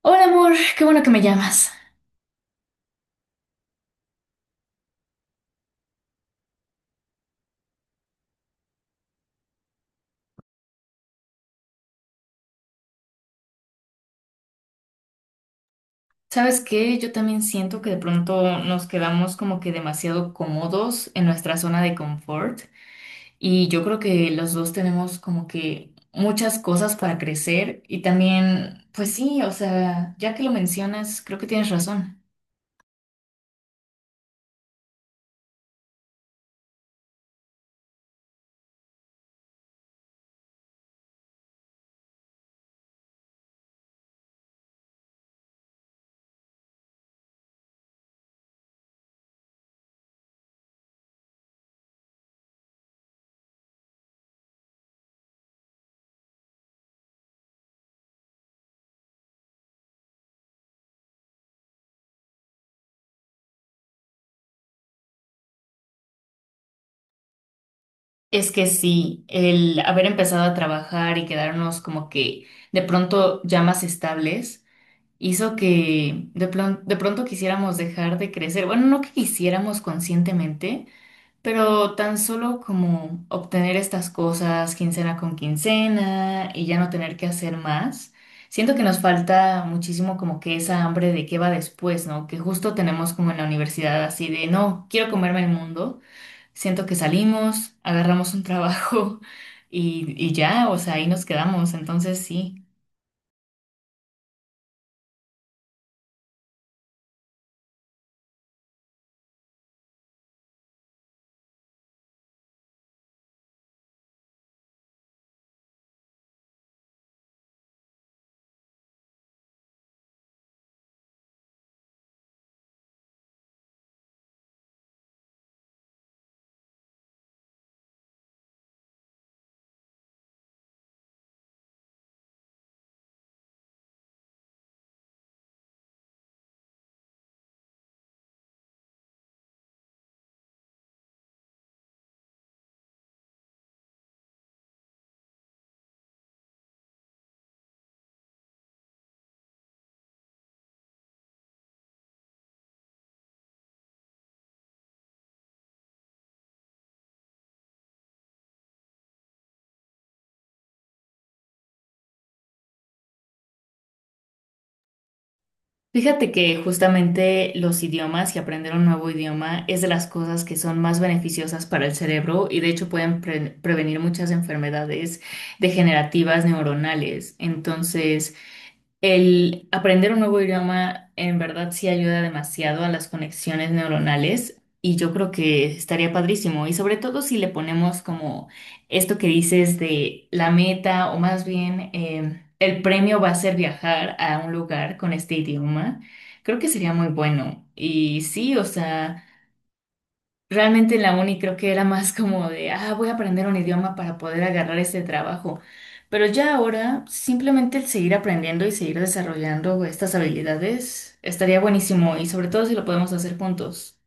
Hola amor, qué bueno que me llamas. ¿Sabes qué? Yo también siento que de pronto nos quedamos como que demasiado cómodos en nuestra zona de confort y yo creo que los dos tenemos como que muchas cosas para crecer y también, pues sí, o sea, ya que lo mencionas, creo que tienes razón. Es que sí, el haber empezado a trabajar y quedarnos como que de pronto ya más estables. Hizo que de pronto quisiéramos dejar de crecer. Bueno, no que quisiéramos conscientemente, pero tan solo como obtener estas cosas quincena con quincena y ya no tener que hacer más. Siento que nos falta muchísimo como que esa hambre de qué va después, ¿no? Que justo tenemos como en la universidad así de, no, quiero comerme el mundo. Siento que salimos, agarramos un trabajo y ya, o sea, ahí nos quedamos. Entonces sí. Fíjate que justamente los idiomas y aprender un nuevo idioma es de las cosas que son más beneficiosas para el cerebro y de hecho pueden prevenir muchas enfermedades degenerativas neuronales. Entonces, el aprender un nuevo idioma en verdad sí ayuda demasiado a las conexiones neuronales y yo creo que estaría padrísimo. Y sobre todo si le ponemos como esto que dices de la meta o más bien el premio va a ser viajar a un lugar con este idioma, creo que sería muy bueno. Y sí, o sea... Realmente en la uni creo que era más como de, ah, voy a aprender un idioma para poder agarrar este trabajo. Pero ya ahora, simplemente el seguir aprendiendo y seguir desarrollando estas habilidades estaría buenísimo y sobre todo si lo podemos hacer juntos.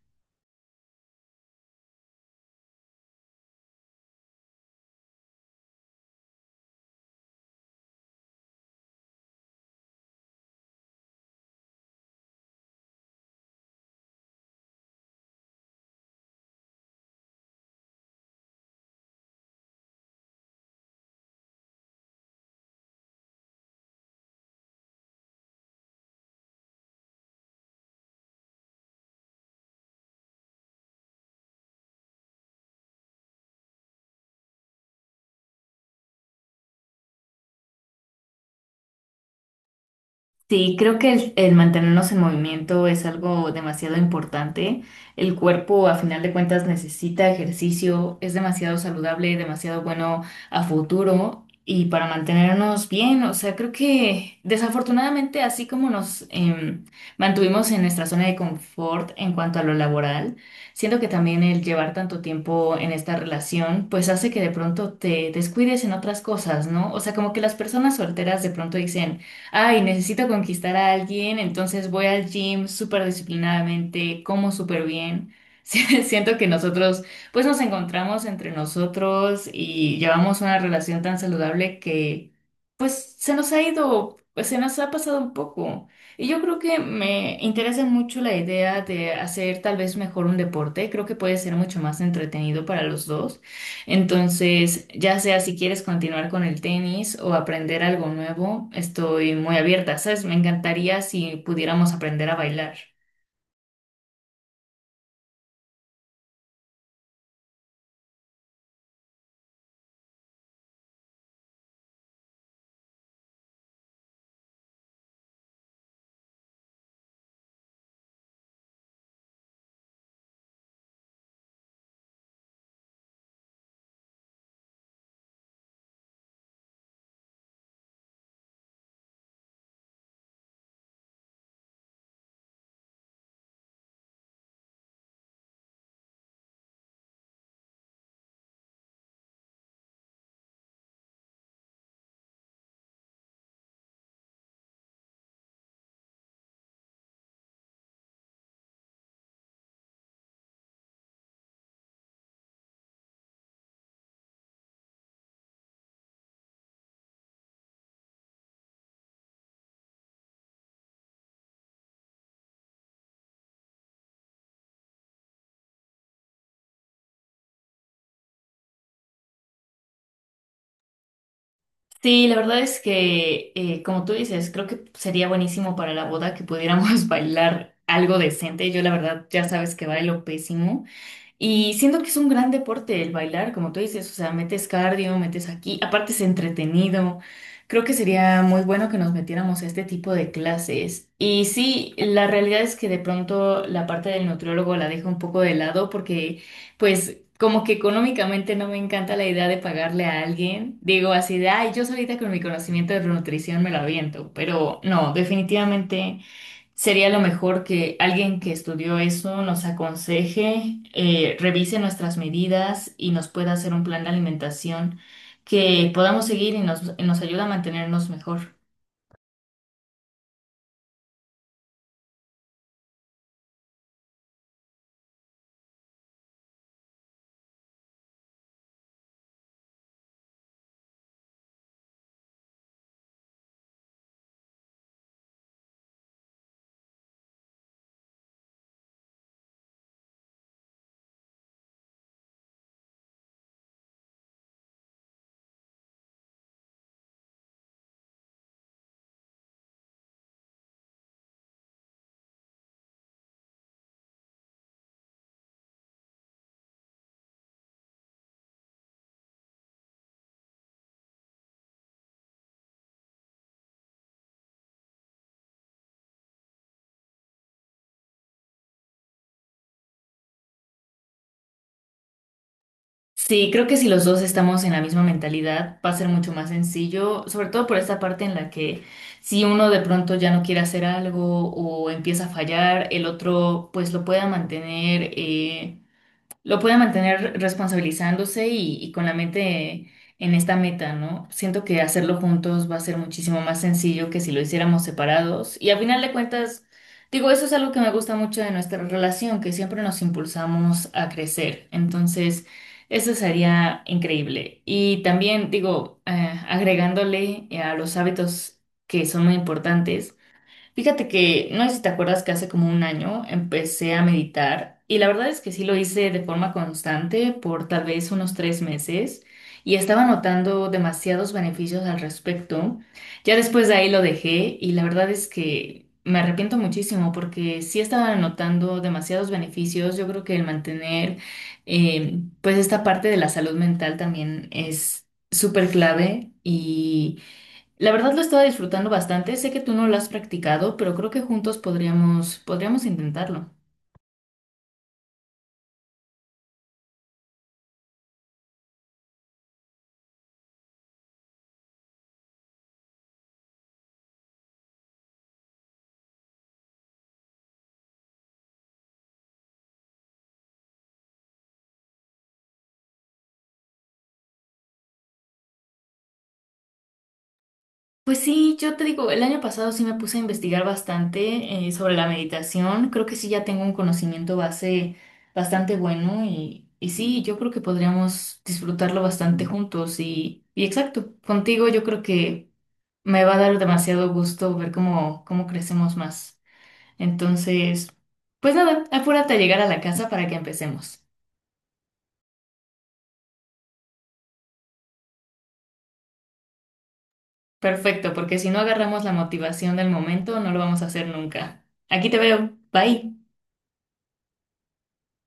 Sí, creo que el mantenernos en movimiento es algo demasiado importante. El cuerpo, a final de cuentas, necesita ejercicio, es demasiado saludable, demasiado bueno a futuro y para mantenernos bien. O sea, creo que desafortunadamente, así como mantuvimos en nuestra zona de confort en cuanto a lo laboral, siento que también el llevar tanto tiempo en esta relación, pues hace que de pronto te descuides en otras cosas, ¿no? O sea, como que las personas solteras de pronto dicen ay, necesito conquistar a alguien, entonces voy al gym súper disciplinadamente, como súper bien. Sí, siento que nosotros, pues nos encontramos entre nosotros y llevamos una relación tan saludable que, pues se nos ha ido, pues se nos ha pasado un poco. Y yo creo que me interesa mucho la idea de hacer tal vez mejor un deporte, creo que puede ser mucho más entretenido para los dos. Entonces, ya sea si quieres continuar con el tenis o aprender algo nuevo, estoy muy abierta, ¿sabes? Me encantaría si pudiéramos aprender a bailar. Sí, la verdad es que, como tú dices, creo que sería buenísimo para la boda que pudiéramos bailar algo decente. Yo, la verdad, ya sabes que bailo pésimo. Y siento que es un gran deporte el bailar, como tú dices, o sea, metes cardio, metes aquí, aparte es entretenido. Creo que sería muy bueno que nos metiéramos a este tipo de clases. Y sí, la realidad es que de pronto la parte del nutriólogo la dejo un poco de lado porque, pues, como que económicamente no me encanta la idea de pagarle a alguien. Digo así de, ay, yo solita con mi conocimiento de nutrición me lo aviento, pero no, definitivamente. Sería lo mejor que alguien que estudió eso nos aconseje, revise nuestras medidas y nos pueda hacer un plan de alimentación que podamos seguir y nos ayude a mantenernos mejor. Sí, creo que si los dos estamos en la misma mentalidad, va a ser mucho más sencillo, sobre todo por esta parte en la que si uno de pronto ya no quiere hacer algo o empieza a fallar, el otro pues lo pueda mantener. Lo pueda mantener responsabilizándose y con la mente en esta meta, ¿no? Siento que hacerlo juntos va a ser muchísimo más sencillo que si lo hiciéramos separados. Y al final de cuentas, digo, eso es algo que me gusta mucho de nuestra relación, que siempre nos impulsamos a crecer. Entonces, eso sería increíble. Y también, digo, agregándole a los hábitos que son muy importantes. Fíjate que, no sé si te acuerdas que hace como un año empecé a meditar y la verdad es que sí lo hice de forma constante por tal vez unos 3 meses y estaba notando demasiados beneficios al respecto. Ya después de ahí lo dejé y la verdad es que me arrepiento muchísimo porque sí estaba notando demasiados beneficios. Yo creo que el mantener pues esta parte de la salud mental también es súper clave y... La verdad lo estaba disfrutando bastante. Sé que tú no lo has practicado, pero creo que juntos podríamos intentarlo. Pues sí, yo te digo, el año pasado sí me puse a investigar bastante sobre la meditación. Creo que sí ya tengo un conocimiento base bastante bueno y sí, yo creo que podríamos disfrutarlo bastante juntos y exacto, contigo yo creo que me va a dar demasiado gusto ver cómo, cómo crecemos más. Entonces, pues nada, apúrate a llegar a la casa para que empecemos. Perfecto, porque si no agarramos la motivación del momento, no lo vamos a hacer nunca. Aquí te veo. Bye.